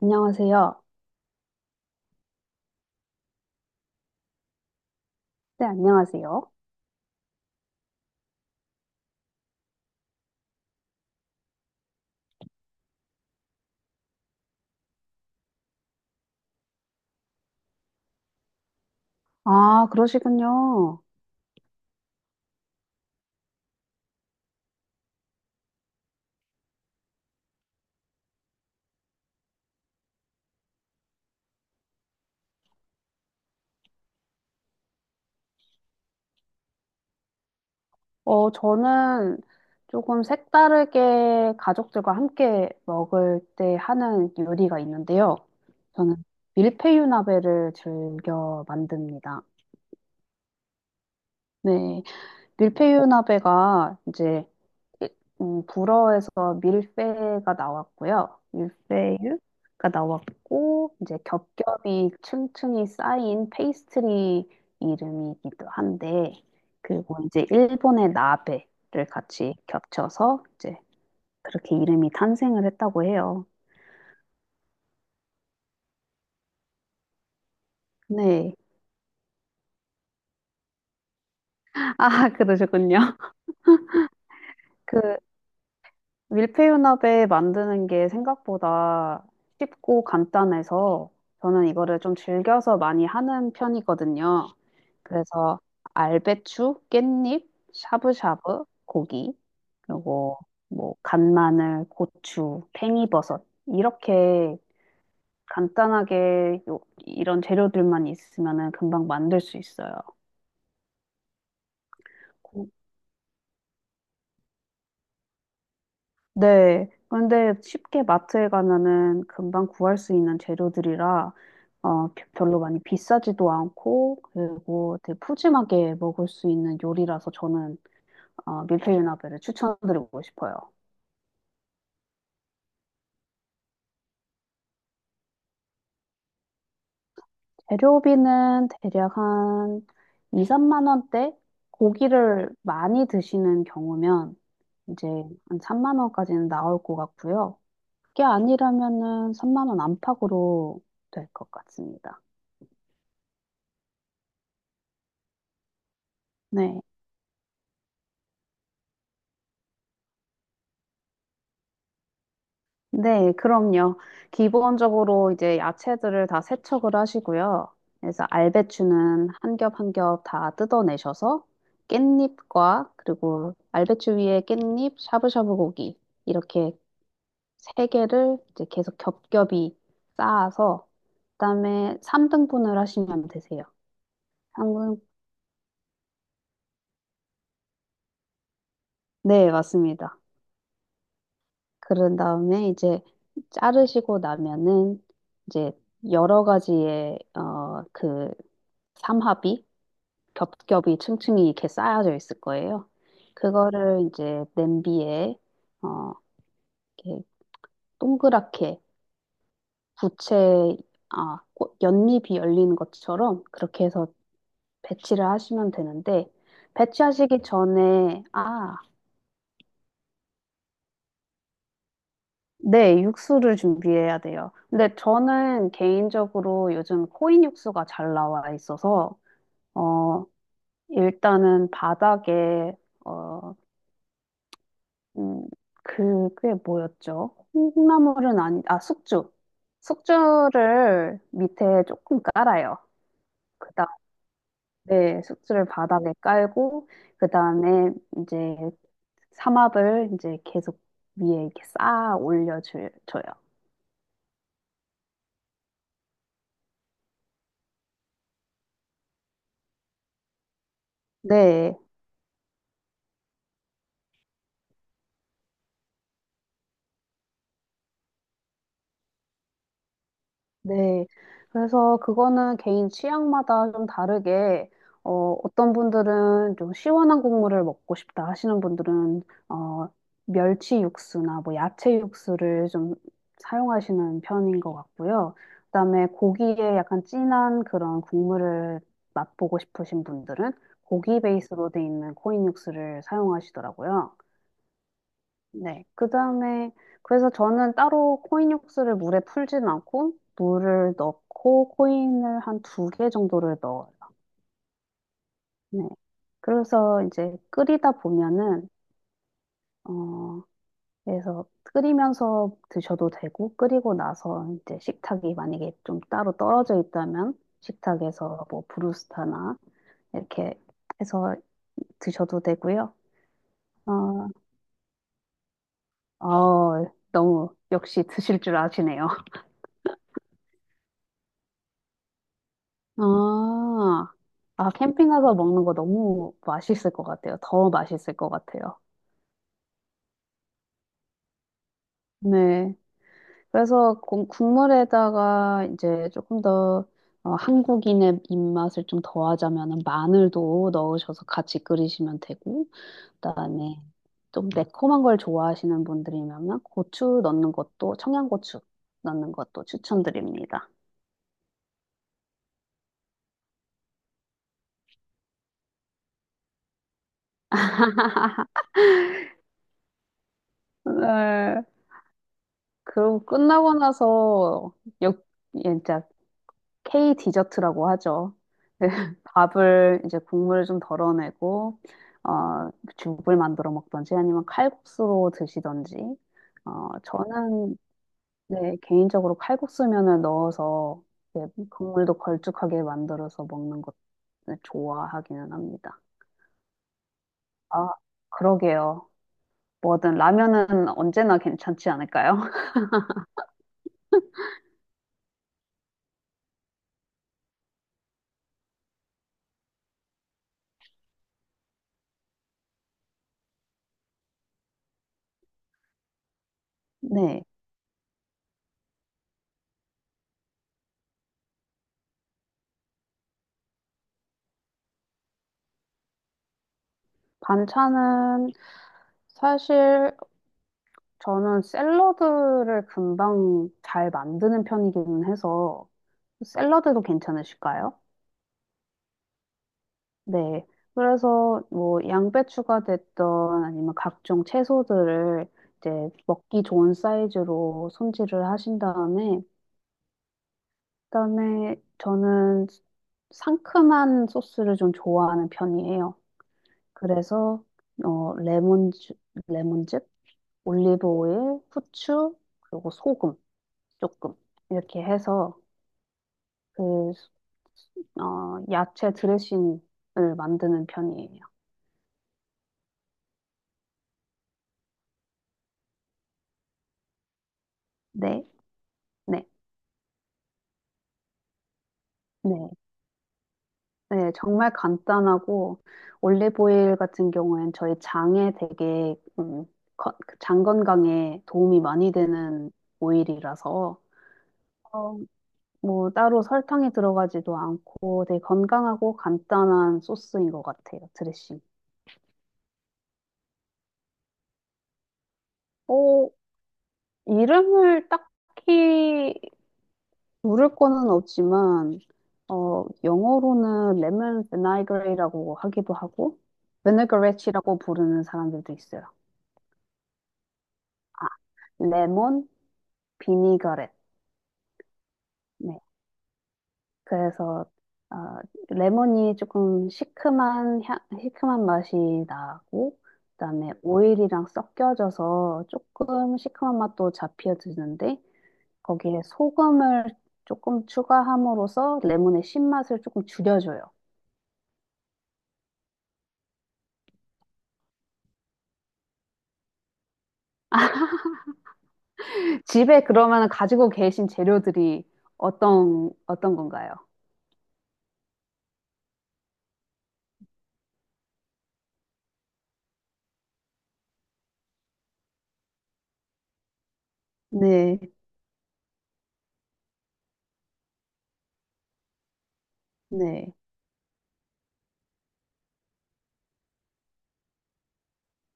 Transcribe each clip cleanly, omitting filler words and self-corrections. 안녕하세요. 네, 안녕하세요. 아, 그러시군요. 저는 조금 색다르게 가족들과 함께 먹을 때 하는 요리가 있는데요. 저는 밀푀유 나베를 즐겨 만듭니다. 네, 밀푀유 나베가 이제 일- 불어에서 밀페가 나왔고요. 밀페유가 나왔고, 이제 겹겹이 층층이 쌓인 페이스트리 이름이기도 한데, 그리고 이제 일본의 나베를 같이 겹쳐서 이제 그렇게 이름이 탄생을 했다고 해요. 네. 아, 그러셨군요. 그 밀푀유나베 만드는 게 생각보다 쉽고 간단해서 저는 이거를 좀 즐겨서 많이 하는 편이거든요. 그래서 알배추, 깻잎, 샤브샤브, 고기, 그리고 뭐 간마늘, 고추, 팽이버섯 이렇게 간단하게 이런 재료들만 있으면은 금방 만들 수 있어요. 고- 네. 그런데 쉽게 마트에 가면은 금방 구할 수 있는 재료들이라 별로 많이 비싸지도 않고 그리고 되게 푸짐하게 먹을 수 있는 요리라서 저는 밀푀유나베를 추천드리고 싶어요. 재료비는 대략 한 2, 3만 원대? 고기를 많이 드시는 경우면 이제 한 3만 원까지는 나올 것 같고요. 그게 아니라면은 3만 원 안팎으로 될 것 같습니다. 네. 네, 그럼요. 기본적으로 이제 야채들을 다 세척을 하시고요. 그래서 알배추는 한 겹 한 겹 다 뜯어내셔서 깻잎과 그리고 알배추 위에 깻잎, 샤브샤브 고기 이렇게 3개를 이제 계속 겹겹이 쌓아서 그다음에 3등분을 하시면 되세요. 한분 네, 맞습니다. 그런 다음에 이제 자르시고 나면은 이제 여러 가지의 그 삼합이 겹겹이 층층이 이렇게 쌓여져 있을 거예요. 그거를 이제 냄비에 어, 이렇게 동그랗게 부채 연잎이 열리는 것처럼 그렇게 해서 배치를 하시면 되는데, 배치하시기 전에, 네, 육수를 준비해야 돼요. 근데 저는 개인적으로 요즘 코인 육수가 잘 나와 있어서, 어, 일단은 바닥에, 어, 음, 그게 뭐였죠? 콩나물은 아니, 숙주. 숙주를 밑에 조금 깔아요. 그다음 네, 숙주를 바닥에 깔고, 그 다음에 이제 삼합을 이제 계속 위에 이렇게 쌓아 올려줘요. 네, 네. 그래서 그거는 개인 취향마다 좀 다르게, 어떤 분들은 좀 시원한 국물을 먹고 싶다 하시는 분들은, 어, 멸치 육수나 뭐 야채 육수를 좀 사용하시는 편인 것 같고요. 그다음에 고기에 약간 진한 그런 국물을 맛보고 싶으신 분들은 고기 베이스로 돼 있는 코인 육수를 사용하시더라고요. 네. 그다음에 그래서 저는 따로 코인 육수를 물에 풀진 않고 물을 넣고 코인을 한 두 개 정도를 넣어요. 네. 그래서 이제 끓이다 보면은 어 그래서 끓이면서 드셔도 되고 끓이고 나서 이제 식탁이 만약에 좀 따로 떨어져 있다면 식탁에서 뭐 브루스타나 이렇게 해서 드셔도 되고요. 어, 어, 너무 역시 드실 줄 아시네요. 아, 아, 캠핑 가서 먹는 거 너무 맛있을 것 같아요. 더 맛있을 것 같아요. 네. 그래서 국물에다가 이제 조금 더 한국인의 입맛을 좀 더하자면 마늘도 넣으셔서 같이 끓이시면 되고, 그다음에 좀 매콤한 걸 좋아하시는 분들이면 고추 넣는 것도, 청양고추 넣는 것도 추천드립니다. 네. 그리고 끝나고 나서 역, K 디저트라고 하죠. 밥을 이제 국물을 좀 덜어내고 어, 죽을 만들어 먹던지 아니면 칼국수로 드시던지 저는 네, 개인적으로 칼국수면을 넣어서 이제 국물도 걸쭉하게 만들어서 먹는 것을 좋아하기는 합니다. 아, 그러게요. 뭐든 라면은 언제나 괜찮지 않을까요? 네. 반찬은 사실 저는 샐러드를 금방 잘 만드는 편이기는 해서 샐러드도 괜찮으실까요? 네. 그래서 뭐 양배추가 됐던 아니면 각종 채소들을 이제 먹기 좋은 사이즈로 손질을 하신 다음에 그다음에 저는 상큼한 소스를 좀 좋아하는 편이에요. 그래서 어 레몬즙, 레몬즙, 올리브 오일, 후추, 그리고 소금 조금 이렇게 해서 그, 야채 드레싱을 만드는 편이에요. 네, 네, 네. 네, 정말 간단하고, 올리브오일 같은 경우엔 저희 장에 되게, 그 장 건강에 도움이 많이 되는 오일이라서, 어, 뭐, 따로 설탕이 들어가지도 않고 되게 건강하고 간단한 소스인 것 같아요, 드레싱. 어, 이름을 딱히 물을 거는 없지만 영어로는 레몬 비나그레이라고 하기도 하고 비네그레치라고 부르는 사람들도 있어요. 아 레몬 비니거렛. 네. 그래서 어, 레몬이 조금 시큼한 향, 시큼한 맛이 나고 그다음에 오일이랑 섞여져서 조금 시큼한 맛도 잡혀드는데 거기에 소금을 조금 추가함으로써 레몬의 신맛을 조금 줄여줘요. 집에 그러면 가지고 계신 재료들이 어떤 건가요? 네, 네,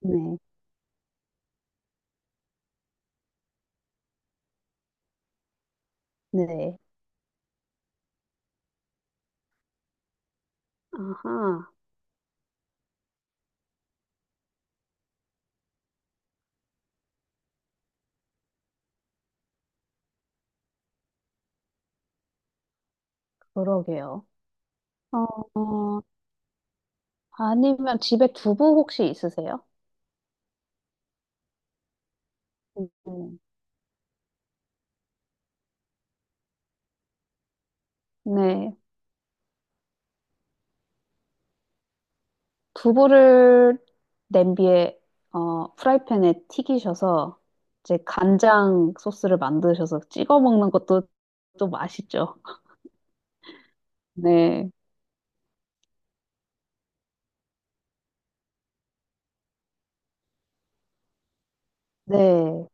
네, 네. 아하, 그러게요. 어, 어, 아니면 집에 두부 혹시 있으세요? 음, 네. 두부를 냄비에, 프라이팬에 튀기셔서 이제 간장 소스를 만드셔서 찍어 먹는 것도 또 맛있죠. 네. 네.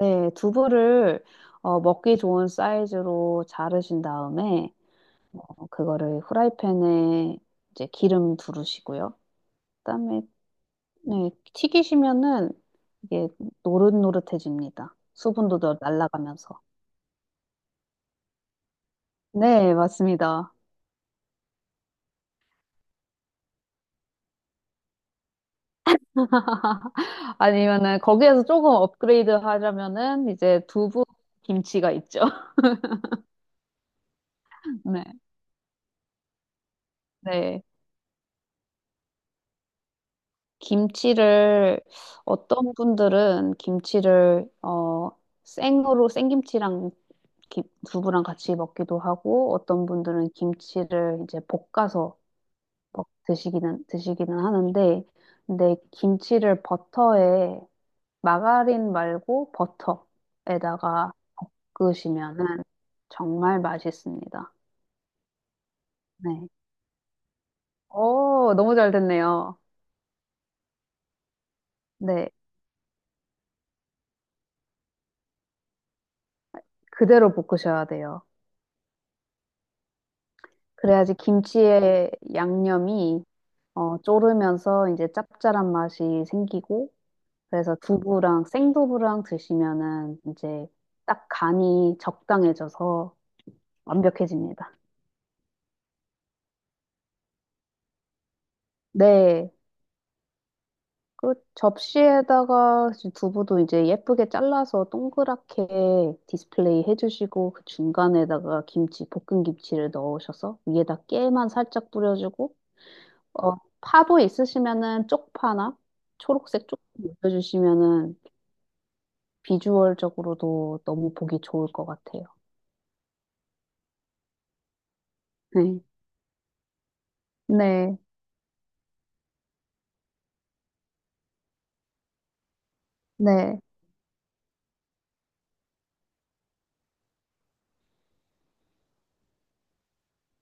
네, 두부를 먹기 좋은 사이즈로 자르신 다음에 그거를 후라이팬에 이제 기름 두르시고요. 그다음에 네, 튀기시면은 이게 노릇노릇해집니다. 수분도 더 날아가면서. 네, 맞습니다. 아니면은 거기에서 조금 업그레이드 하려면은 이제 두부 김치가 있죠. 네, 네. 김치를 어떤 분들은 김치를 생으로 생김치랑 김- 두부랑 같이 먹기도 하고 어떤 분들은 김치를 이제 볶아서 드시기는 하는데 근데 김치를 버터에 마가린 말고 버터에다가 볶으시면은 정말 맛있습니다. 네. 오, 너무 잘 됐네요. 네. 그대로 볶으셔야 돼요. 그래야지 김치의 양념이 졸으면서 이제 짭짤한 맛이 생기고, 그래서 두부랑 생두부랑 드시면은 이제 딱 간이 적당해져서 완벽해집니다. 네. 그 접시에다가 두부도 이제 예쁘게 잘라서 동그랗게 디스플레이 해주시고, 그 중간에다가 김치, 볶은 김치를 넣으셔서 위에다 깨만 살짝 뿌려주고, 어, 파도 있으시면은 쪽파나 초록색 쪽파 올려주시면은 비주얼적으로도 너무 보기 좋을 것 같아요. 네. 네. 네.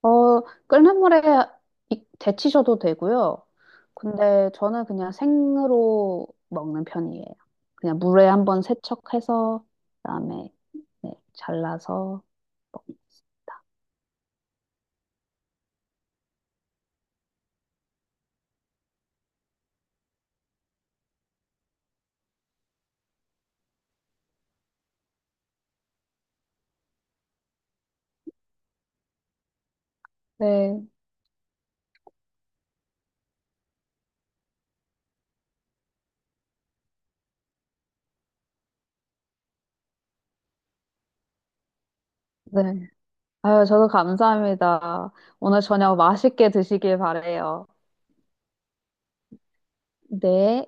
어, 끓는 물에 데치셔도 되고요. 근데 저는 그냥 생으로 먹는 편이에요. 그냥 물에 한번 세척해서 그다음에 네, 잘라서 먹습니다. 네. 네. 아유, 저도 감사합니다. 오늘 저녁 맛있게 드시길 바래요. 네.